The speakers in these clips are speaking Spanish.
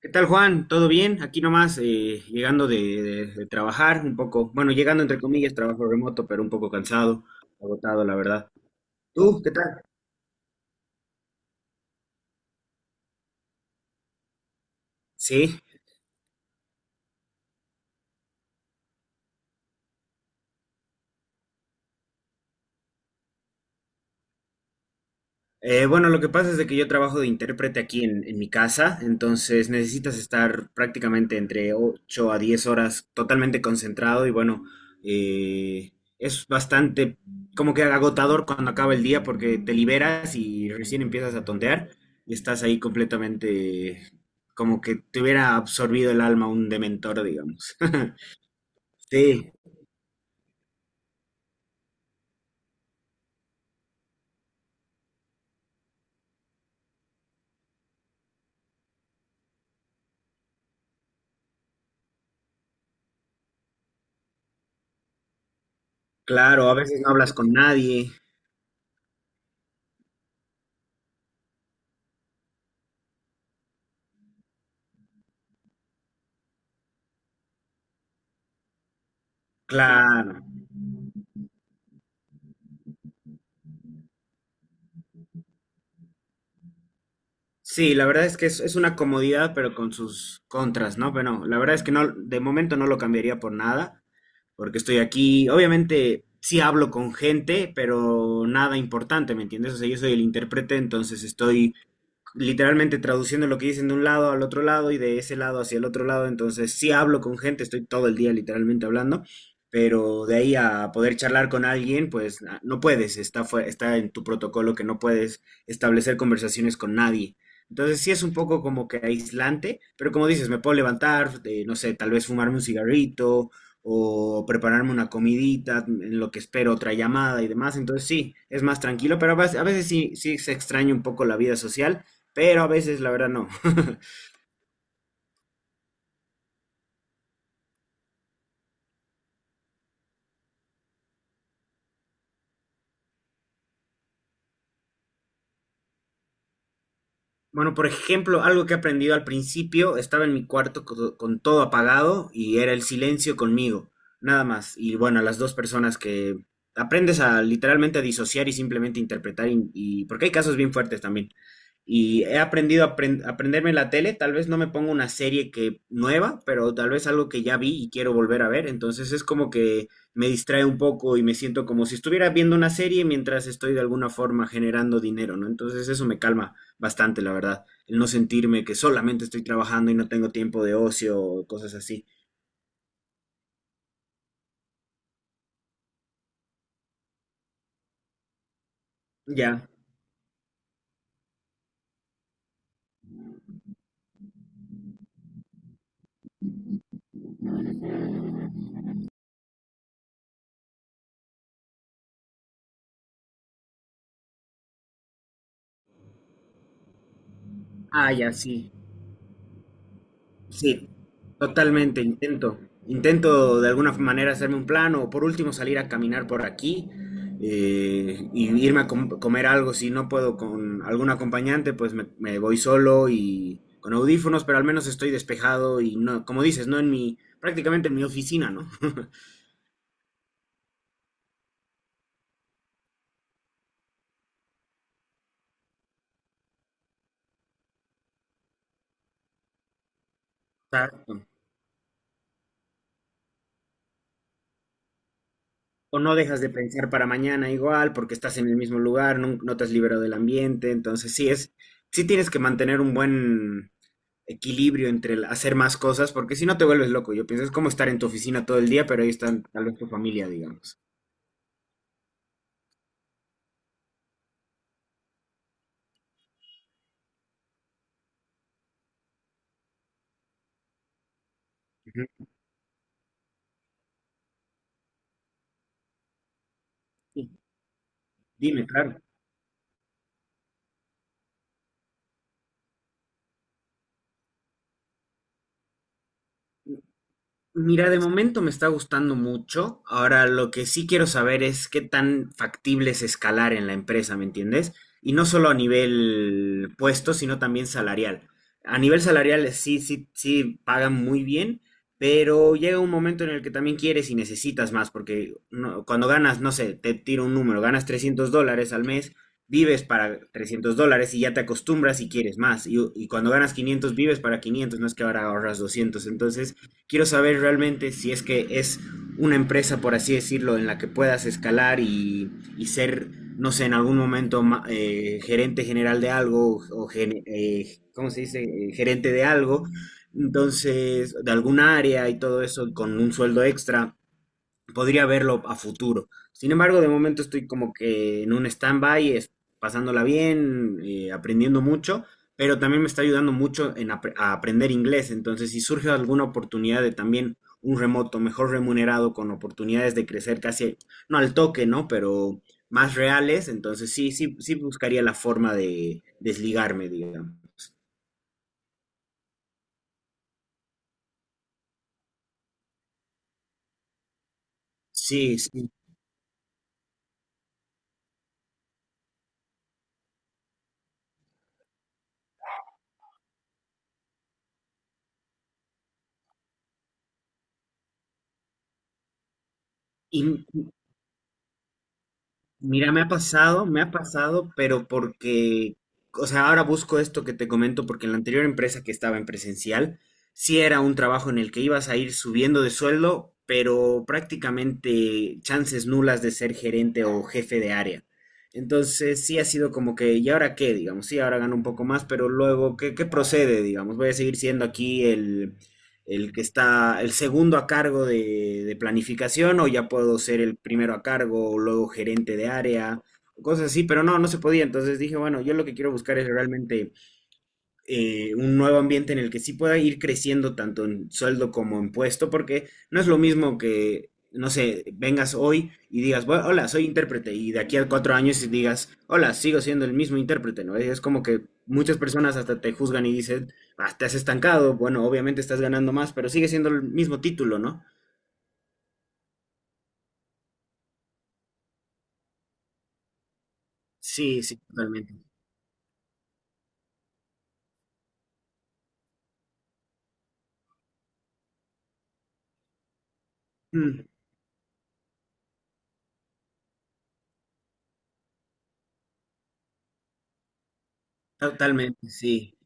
¿Qué tal, Juan? ¿Todo bien? Aquí nomás, llegando de trabajar un poco, bueno, llegando entre comillas, trabajo remoto, pero un poco cansado, agotado, la verdad. ¿Tú, qué tal? Sí. Bueno, lo que pasa es de que yo trabajo de intérprete aquí en mi casa, entonces necesitas estar prácticamente entre 8 a 10 horas totalmente concentrado y bueno, eh, es bastante como que agotador cuando acaba el día porque te liberas y recién empiezas a tontear y estás ahí completamente como que te hubiera absorbido el alma un dementor, digamos. Sí, claro, a veces no hablas con nadie, claro. Sí, la verdad es que es una comodidad, pero con sus contras, ¿no? Pero no, la verdad es que no, de momento no lo cambiaría por nada, porque estoy aquí. Obviamente sí hablo con gente, pero nada importante, ¿me entiendes? O sea, yo soy el intérprete, entonces estoy literalmente traduciendo lo que dicen de un lado al otro lado y de ese lado hacia el otro lado. Entonces sí hablo con gente, estoy todo el día literalmente hablando, pero de ahí a poder charlar con alguien, pues no puedes, está en tu protocolo que no puedes establecer conversaciones con nadie. Entonces sí es un poco como que aislante, pero como dices, me puedo levantar, no sé, tal vez fumarme un cigarrito o prepararme una comidita en lo que espero otra llamada y demás. Entonces sí, es más tranquilo, pero a veces sí, sí se extraña un poco la vida social pero a veces la verdad no. Bueno, por ejemplo, algo que he aprendido al principio, estaba en mi cuarto con, todo apagado y era el silencio conmigo, nada más. Y bueno, las dos personas que aprendes a literalmente a disociar y simplemente interpretar, porque hay casos bien fuertes también. Y he aprendido a aprenderme la tele, tal vez no me pongo una serie que nueva, pero tal vez algo que ya vi y quiero volver a ver. Entonces es como que me distrae un poco y me siento como si estuviera viendo una serie mientras estoy de alguna forma generando dinero, ¿no? Entonces eso me calma bastante, la verdad. El no sentirme que solamente estoy trabajando y no tengo tiempo de ocio o cosas así. Ya. Ah, ya, sí. Sí. Totalmente, intento. Intento de alguna manera hacerme un plan o por último salir a caminar por aquí, y irme a comer algo. Si no puedo con algún acompañante, pues me voy solo y con audífonos, pero al menos estoy despejado y no, como dices, no en mi, prácticamente en mi oficina, ¿no? Exacto. O no dejas de pensar para mañana igual, porque estás en el mismo lugar, no, te has liberado del ambiente. Entonces, sí tienes que mantener un buen equilibrio entre el hacer más cosas, porque si no te vuelves loco. Yo pienso, es como estar en tu oficina todo el día, pero ahí están tal vez tu familia, digamos. Ujú. Sí. Dime, claro. Mira, de momento me está gustando mucho. Ahora lo que sí quiero saber es qué tan factible es escalar en la empresa, ¿me entiendes? Y no solo a nivel puesto, sino también salarial. A nivel salarial, sí, sí, sí pagan muy bien, pero llega un momento en el que también quieres y necesitas más, porque cuando ganas, no sé, te tiro un número, ganas $300 al mes, vives para $300 y ya te acostumbras y quieres más. Y cuando ganas 500 vives para 500, no es que ahora ahorras 200. Entonces... Quiero saber realmente si es que es una empresa, por así decirlo, en la que puedas escalar y ser, no sé, en algún momento gerente general de algo ¿cómo se dice? Gerente de algo. Entonces, de algún área y todo eso con un sueldo extra podría verlo a futuro. Sin embargo, de momento estoy como que en un stand-by, pasándola bien, aprendiendo mucho, pero también me está ayudando mucho en a aprender inglés. Entonces, si surge alguna oportunidad de también un remoto mejor remunerado, con oportunidades de crecer casi, no al toque, ¿no? Pero más reales, entonces sí, sí, sí buscaría la forma de desligarme, digamos. Sí, sí. Y Mira, me ha pasado, pero porque, o sea, ahora busco esto que te comento porque en la anterior empresa que estaba en presencial, sí era un trabajo en el que ibas a ir subiendo de sueldo, pero prácticamente chances nulas de ser gerente o jefe de área. Entonces, sí ha sido como que, ¿y ahora qué? Digamos, sí, ahora gano un poco más, pero luego, ¿qué, qué procede? Digamos, voy a seguir siendo aquí el que está el segundo a cargo de planificación o ya puedo ser el primero a cargo o luego gerente de área, cosas así, pero no, no se podía. Entonces dije, bueno, yo lo que quiero buscar es realmente, un nuevo ambiente en el que sí pueda ir creciendo tanto en sueldo como en puesto, porque no es lo mismo que, no sé, vengas hoy y digas, "Bueno, hola, soy intérprete", y de aquí a 4 años y digas, "Hola, sigo siendo el mismo intérprete", ¿no? Es como que muchas personas hasta te juzgan y dicen, ah, te has estancado, bueno, obviamente estás ganando más, pero sigue siendo el mismo título, ¿no? Sí, sí, totalmente. Mm, totalmente, sí.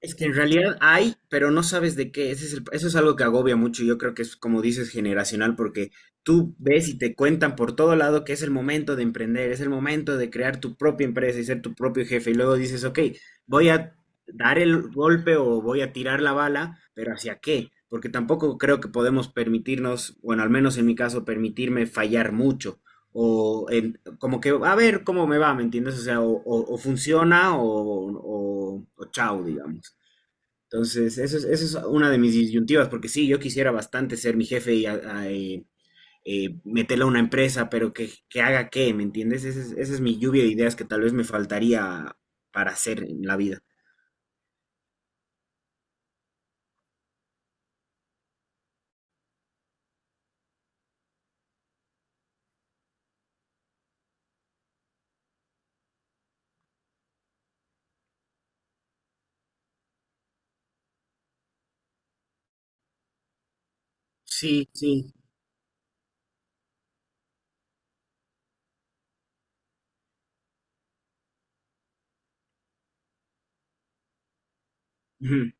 Es que en realidad hay, pero no sabes de qué. Ese es el- eso es algo que agobia mucho. Yo creo que es, como dices, generacional, porque tú ves y te cuentan por todo lado que es el momento de emprender, es el momento de crear tu propia empresa y ser tu propio jefe. Y luego dices, ok, voy a dar el golpe o voy a tirar la bala, pero ¿hacia qué? Porque tampoco creo que podemos permitirnos, bueno, al menos en mi caso, permitirme fallar mucho. Como que, a ver cómo me va, ¿me entiendes? O sea, o funciona o chao, digamos. Entonces, eso es una de mis disyuntivas, porque sí, yo quisiera bastante ser mi jefe y meterlo a una empresa, pero que haga qué, ¿me entiendes? Esa es mi lluvia de ideas que tal vez me faltaría para hacer en la vida. Sí, sí. Ujú.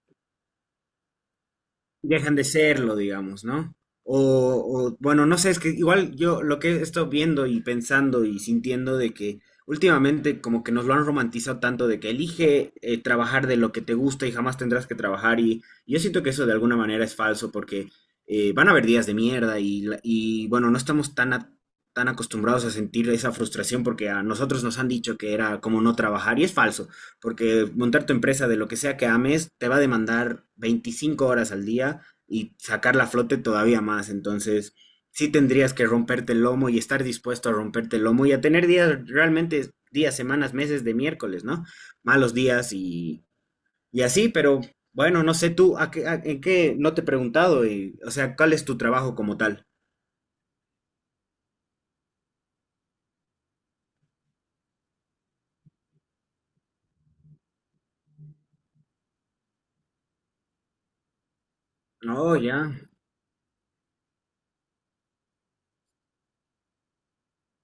Dejan de serlo, digamos, ¿no? O, bueno, no sé, es que igual yo lo que he estado viendo y pensando y sintiendo de que últimamente como que nos lo han romantizado tanto de que elige, trabajar de lo que te gusta y jamás tendrás que trabajar y yo siento que eso de alguna manera es falso porque, van a haber días de mierda y bueno, no estamos tan, tan acostumbrados a sentir esa frustración porque a nosotros nos han dicho que era como no trabajar y es falso porque montar tu empresa de lo que sea que ames te va a demandar 25 horas al día y sacarla a flote todavía más. Entonces, sí tendrías que romperte el lomo y estar dispuesto a romperte el lomo y a tener días, realmente días, semanas, meses de miércoles, ¿no? Malos días y así, pero bueno, no sé tú, ¿en qué? No te he preguntado, y, o sea, ¿cuál es tu trabajo como tal? No, ya,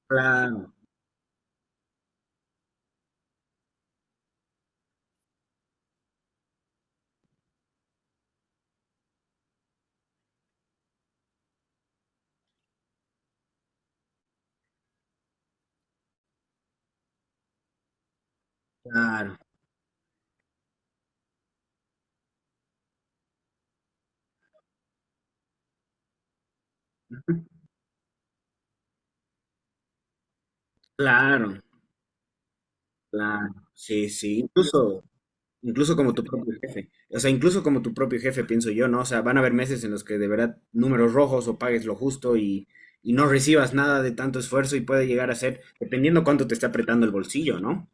claro, claro, claro, claro, sí, sí, incluso... Incluso como tu propio jefe. O sea, incluso como tu propio jefe, pienso yo, ¿no? O sea, van a haber meses en los que de verdad números rojos o pagues lo justo y no recibas nada de tanto esfuerzo y puede llegar a ser, dependiendo cuánto te está apretando el bolsillo, ¿no?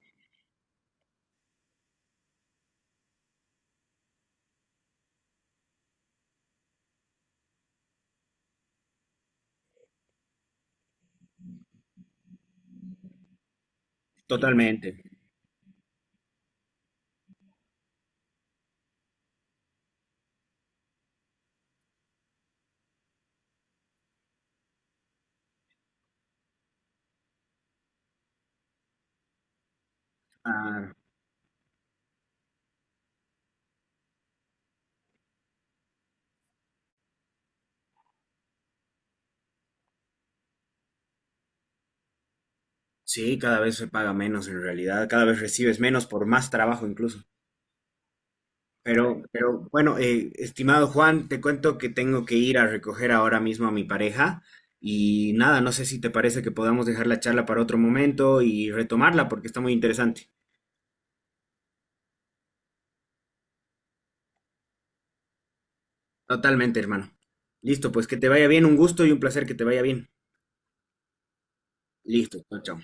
Totalmente. Ah, sí, cada vez se paga menos en realidad, cada vez recibes menos por más trabajo incluso. Pero bueno, estimado Juan, te cuento que tengo que ir a recoger ahora mismo a mi pareja y nada, no sé si te parece que podamos dejar la charla para otro momento y retomarla porque está muy interesante. Totalmente, hermano. Listo, pues que te vaya bien, un gusto y un placer que te vaya bien. Listo, chao, chao.